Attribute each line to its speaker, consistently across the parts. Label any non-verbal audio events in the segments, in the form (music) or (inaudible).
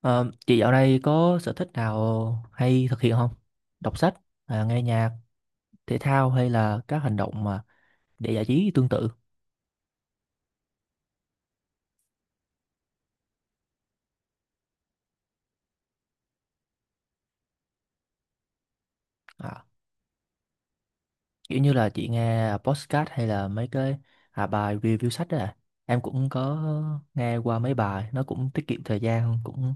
Speaker 1: Ờ, chị dạo này có sở thích nào hay thực hiện không? Đọc sách, nghe nhạc, thể thao hay là các hành động mà để giải trí tương tự? À, Kiểu như là chị nghe podcast hay là mấy cái bài review sách đó à. Em cũng có nghe qua mấy bài, nó cũng tiết kiệm thời gian, cũng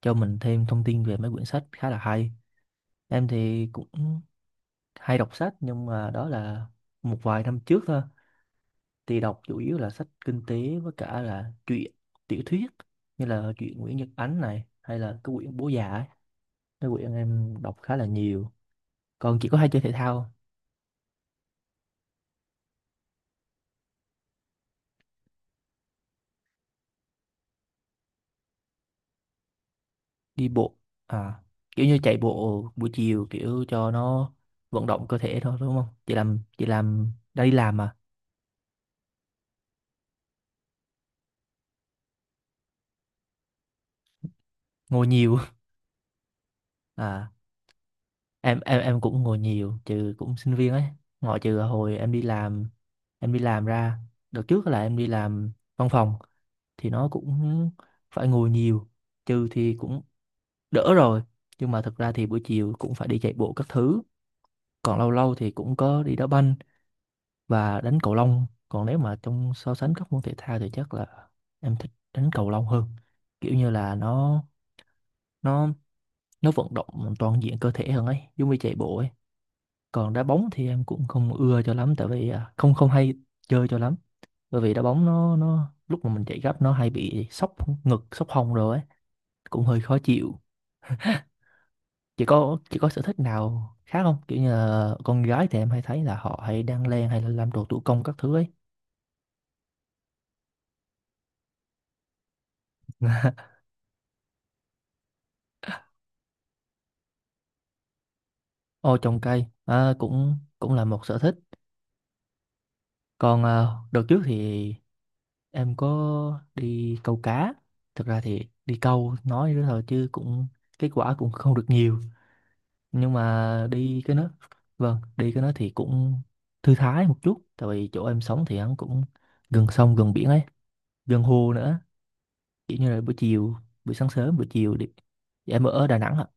Speaker 1: cho mình thêm thông tin về mấy quyển sách khá là hay. Em thì cũng hay đọc sách nhưng mà đó là một vài năm trước thôi, thì đọc chủ yếu là sách kinh tế với cả là truyện tiểu thuyết như là truyện Nguyễn Nhật Ánh này hay là cái quyển Bố Già ấy, cái quyển em đọc khá là nhiều. Còn chỉ có hay chơi thể thao không? Đi bộ à, kiểu như chạy bộ buổi chiều kiểu cho nó vận động cơ thể thôi đúng không, chị làm chị làm đã đi làm mà ngồi nhiều. (laughs) À, em cũng ngồi nhiều trừ cũng sinh viên ấy, ngoại trừ hồi em đi làm, em đi làm ra, đợt trước là em đi làm văn phòng thì nó cũng phải ngồi nhiều, trừ thì cũng đỡ rồi. Nhưng mà thực ra thì buổi chiều cũng phải đi chạy bộ các thứ, còn lâu lâu thì cũng có đi đá banh và đánh cầu lông. Còn nếu mà trong so sánh các môn thể thao thì chắc là em thích đánh cầu lông hơn, kiểu như là nó nó vận động toàn diện cơ thể hơn ấy, giống như chạy bộ ấy. Còn đá bóng thì em cũng không ưa cho lắm tại vì không không hay chơi cho lắm, bởi vì đá bóng nó lúc mà mình chạy gấp nó hay bị sốc ngực sốc hông rồi ấy, cũng hơi khó chịu. Chị có sở thích nào khác không, kiểu như là con gái thì em hay thấy là họ hay đan len hay là làm đồ thủ công các thứ ấy? (laughs) Ô, trồng cây à, cũng cũng là một sở thích. Còn đợt trước thì em có đi câu cá, thực ra thì đi câu nói nữa thôi chứ cũng kết quả cũng không được nhiều, nhưng mà đi cái nó, vâng, đi cái nó thì cũng thư thái một chút tại vì chỗ em sống thì hắn cũng gần sông gần biển ấy, gần hồ nữa, kiểu như là buổi chiều, buổi sáng sớm buổi chiều đi. Dạ em ở Đà Nẵng ạ.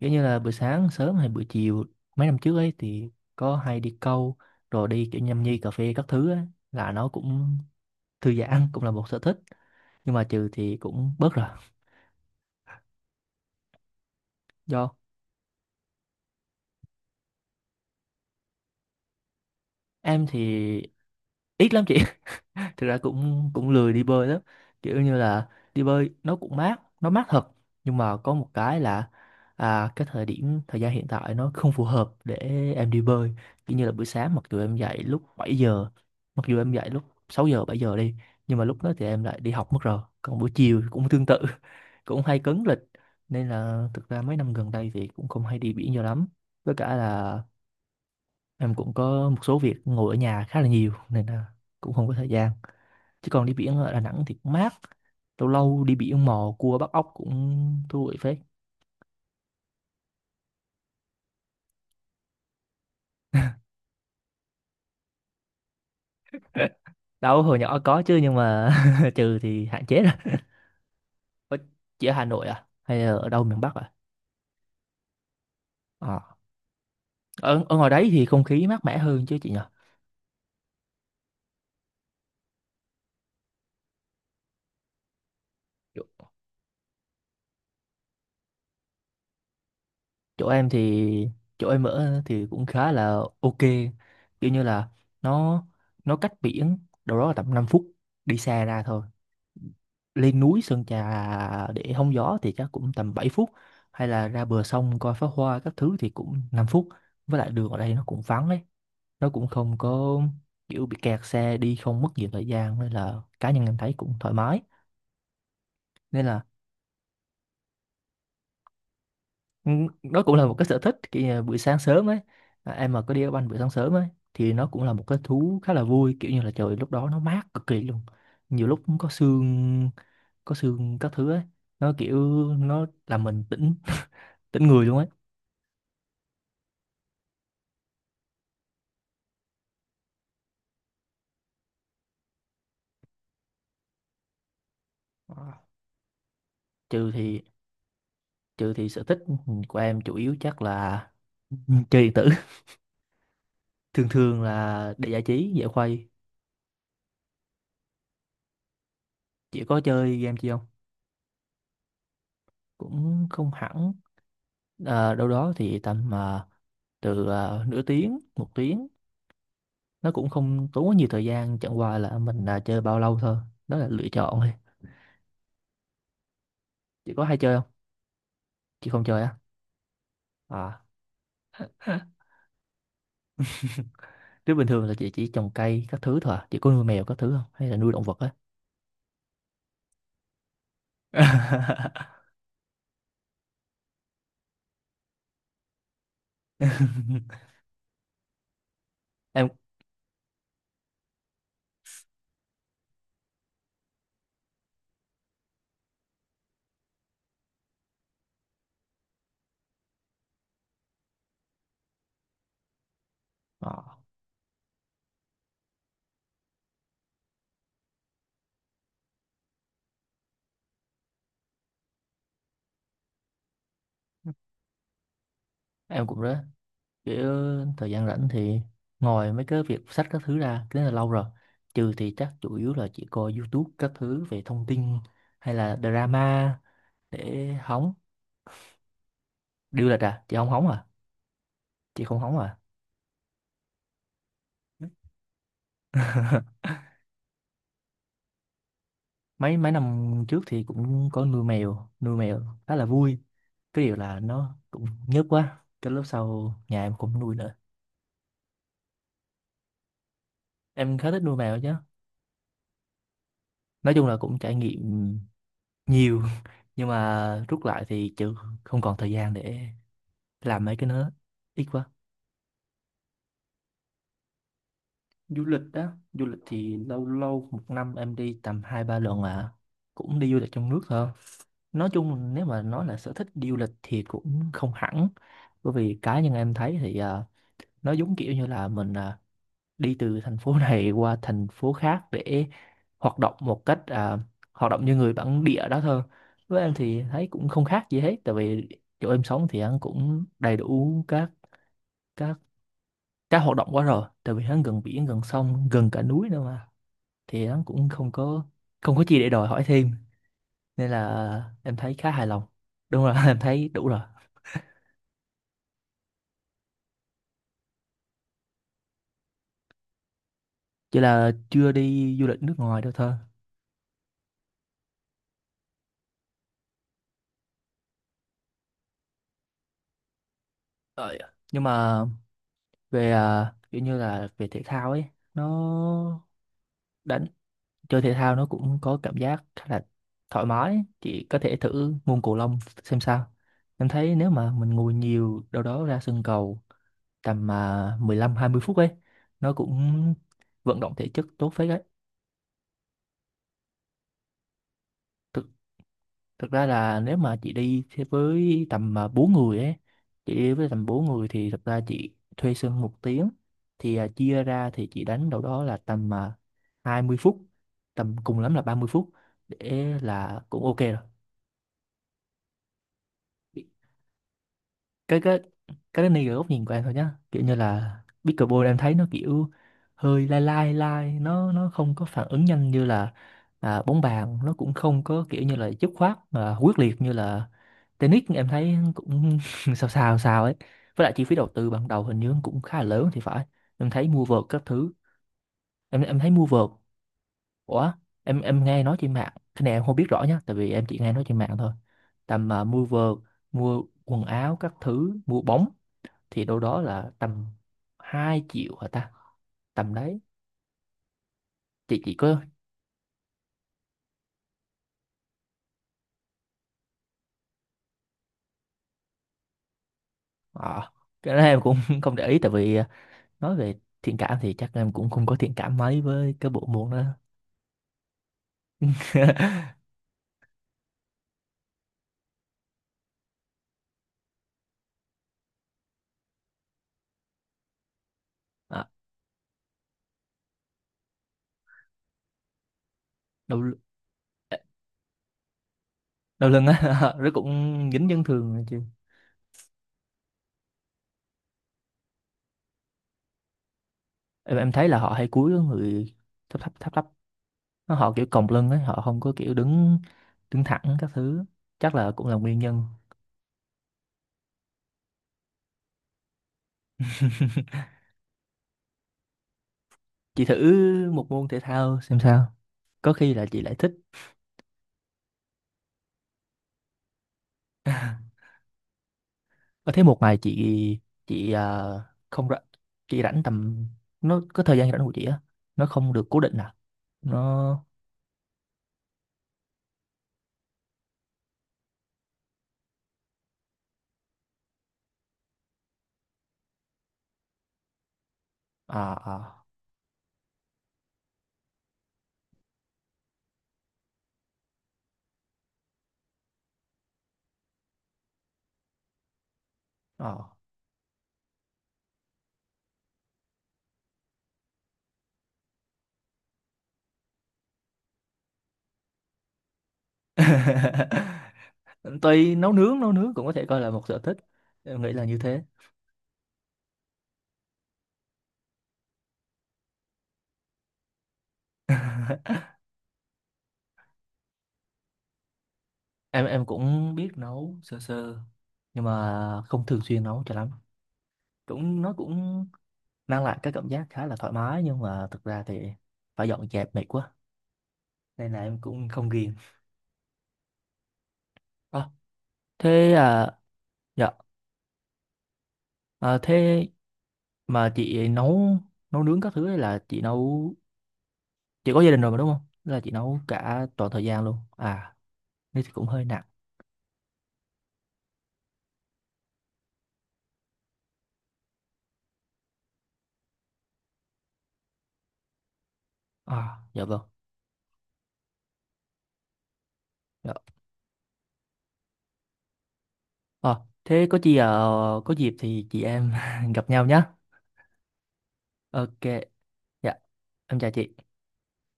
Speaker 1: Kiểu như là buổi sáng sớm hay buổi chiều mấy năm trước ấy thì có hay đi câu, rồi đi kiểu nhâm nhi cà phê các thứ ấy, là nó cũng thư giãn, cũng là một sở thích. Nhưng mà trừ thì cũng bớt rồi do em thì ít lắm chị, thực ra cũng cũng lười đi bơi lắm, kiểu như là đi bơi nó cũng mát, nó mát thật, nhưng mà có một cái là cái thời điểm thời gian hiện tại nó không phù hợp để em đi bơi, kiểu như là buổi sáng mặc dù em dậy lúc 7 giờ, mặc dù em dậy lúc 6 giờ 7 giờ đi, nhưng mà lúc đó thì em lại đi học mất rồi, còn buổi chiều cũng tương tự. (laughs) Cũng hay cấn lịch, nên là thực ra mấy năm gần đây thì cũng không hay đi biển nhiều lắm, với cả là em cũng có một số việc ngồi ở nhà khá là nhiều nên là cũng không có thời gian, chứ còn đi biển ở Đà Nẵng thì cũng mát, lâu lâu đi biển mò cua bắt ốc cũng thú vị phết. (laughs) Đâu, hồi nhỏ có chứ, nhưng mà (laughs) trừ thì hạn chế rồi. Ủa, chị ở Hà Nội à hay là ở đâu miền Bắc à? Ờ. Ở, ở ngoài đấy thì không khí mát mẻ hơn chứ chị nhỉ? Chỗ, chỗ em thì, chỗ em ở thì cũng khá là ok, kiểu như là nó nó cách biển đâu đó là tầm 5 phút đi xe ra thôi, lên núi Sơn Trà để hóng gió thì chắc cũng tầm 7 phút, hay là ra bờ sông coi pháo hoa các thứ thì cũng 5 phút. Với lại đường ở đây nó cũng vắng ấy, nó cũng không có kiểu bị kẹt xe đi không mất nhiều thời gian, nên là cá nhân em thấy cũng thoải mái. Nên là ừ, đó cũng là một cái sở thích, kiểu như là buổi sáng sớm ấy, em mà có đi đá banh buổi sáng sớm ấy thì nó cũng là một cái thú khá là vui, kiểu như là trời lúc đó nó mát cực kỳ luôn, nhiều lúc cũng có sương, có sương các thứ ấy, nó kiểu nó làm mình tỉnh tính người luôn ấy. Ờ, trừ thì trừ thì sở thích của em chủ yếu chắc là chơi điện tử. (laughs) Thường thường là để giải trí giải khuây, chỉ có chơi game chi không? Cũng không hẳn, đâu đó thì tầm mà từ nửa tiếng một tiếng, nó cũng không tốn quá nhiều thời gian, chẳng qua là mình chơi bao lâu thôi, đó là lựa chọn thôi. Chị có hay chơi không? Chị không chơi á? À, chứ bình thường là chị chỉ trồng cây các thứ thôi à? Chị có nuôi mèo các thứ không hay là nuôi động vật á? (laughs) Em ờ. Em cũng thế, kiểu thời gian rảnh thì ngồi mấy cái việc sách các thứ ra, cái đó là lâu rồi. Trừ thì chắc chủ yếu là chỉ coi YouTube các thứ về thông tin hay là drama để hóng. Điêu lịch à, chị không hóng à? Chị không hóng à? (laughs) mấy mấy năm trước thì cũng có nuôi mèo, nuôi mèo khá là vui, cái điều là nó cũng nhớt quá, cái lúc sau nhà em cũng nuôi nữa, em khá thích nuôi mèo chứ. Nói chung là cũng trải nghiệm nhiều, (laughs) nhưng mà rút lại thì chứ không còn thời gian để làm mấy cái nữa, ít quá. Du lịch á? Du lịch thì lâu lâu một năm em đi tầm 2 3 lần à, cũng đi du lịch trong nước thôi. Nói chung nếu mà nói là sở thích đi du lịch thì cũng không hẳn, bởi vì cá nhân em thấy thì nó giống kiểu như là mình đi từ thành phố (laughs) này qua thành phố khác để hoạt động một cách hoạt động như người bản địa đó thôi. Với em thì thấy cũng không khác gì hết, tại vì chỗ em sống thì ăn cũng đầy đủ các Cá hoạt động quá rồi, tại vì hắn gần biển gần sông gần cả núi nữa mà, thì hắn cũng không có, không có gì để đòi hỏi thêm, nên là em thấy khá hài lòng. Đúng rồi, (laughs) em thấy đủ rồi, chỉ là chưa đi du lịch nước ngoài đâu thôi. Ờ, dạ. Nhưng mà về kiểu như là về thể thao ấy, nó đánh chơi thể thao nó cũng có cảm giác khá là thoải mái, chị có thể thử môn cầu lông xem sao. Em thấy nếu mà mình ngồi nhiều đâu đó ra sân cầu tầm 15 20 phút ấy, nó cũng vận động thể chất tốt phết đấy. thực, Thực ra là nếu mà chị đi thế với tầm 4 người ấy, chị đi với tầm 4 người thì thực ra chị thuê sân 1 tiếng, thì chia ra thì chị đánh đâu đó là tầm 20 phút, tầm cùng lắm là 30 phút để là cũng ok rồi. Cái cái cái đó này góc nhìn của em thôi nhá, kiểu như là pickleball em thấy nó kiểu hơi lai lai lai, nó không có phản ứng nhanh như là bóng bàn, nó cũng không có kiểu như là dứt khoát quyết liệt như là tennis, em thấy cũng (laughs) sao sao sao ấy. Với lại chi phí đầu tư ban đầu hình như cũng khá là lớn thì phải, em thấy mua vợt các thứ, em thấy mua vợt ủa, em nghe nói trên mạng, cái này em không biết rõ nhá tại vì em chỉ nghe nói trên mạng thôi, tầm mua vợt, mua quần áo các thứ, mua bóng thì đâu đó là tầm 2 triệu hả ta, tầm đấy. Chị có ờ, cái đó em cũng (laughs) không để ý tại vì nói về thiện cảm thì chắc em cũng không có thiện cảm mấy với cái bộ môn đó. (laughs) À, đau, l- đau lưng á, (laughs) nó cũng dính chấn thương nữa chứ. Em thấy là họ hay cúi người thấp thấp thấp thấp, nó họ kiểu còng lưng ấy, họ không có kiểu đứng đứng thẳng các thứ, chắc là cũng là nguyên nhân. Chị thử một môn thể thao xem sao, có khi là chị lại thích. Ờ, thế một ngày chị, chị à, không rảnh, chị rảnh tầm, nó có thời gian rảnh của chị á, nó không được cố định à, nó à à à. (laughs) Tuy nấu nướng, nấu nướng cũng có thể coi là một sở thích, em nghĩ là như thế. Em cũng biết nấu sơ sơ nhưng mà không thường xuyên nấu cho lắm, cũng nó cũng mang lại cái cảm giác khá là thoải mái, nhưng mà thực ra thì phải dọn dẹp mệt quá nên là em cũng không ghiền. Ờ, thế à, dạ, à, thế mà chị nấu, nấu nướng các thứ ấy là chị nấu, chị có gia đình rồi mà đúng không? Tức là chị nấu cả toàn thời gian luôn à? Thế thì cũng hơi nặng. À dạ vâng. Dạ. Ờ, thế có gì có dịp thì chị em (laughs) gặp nhau nhá. Ok. Dạ, em chào chị.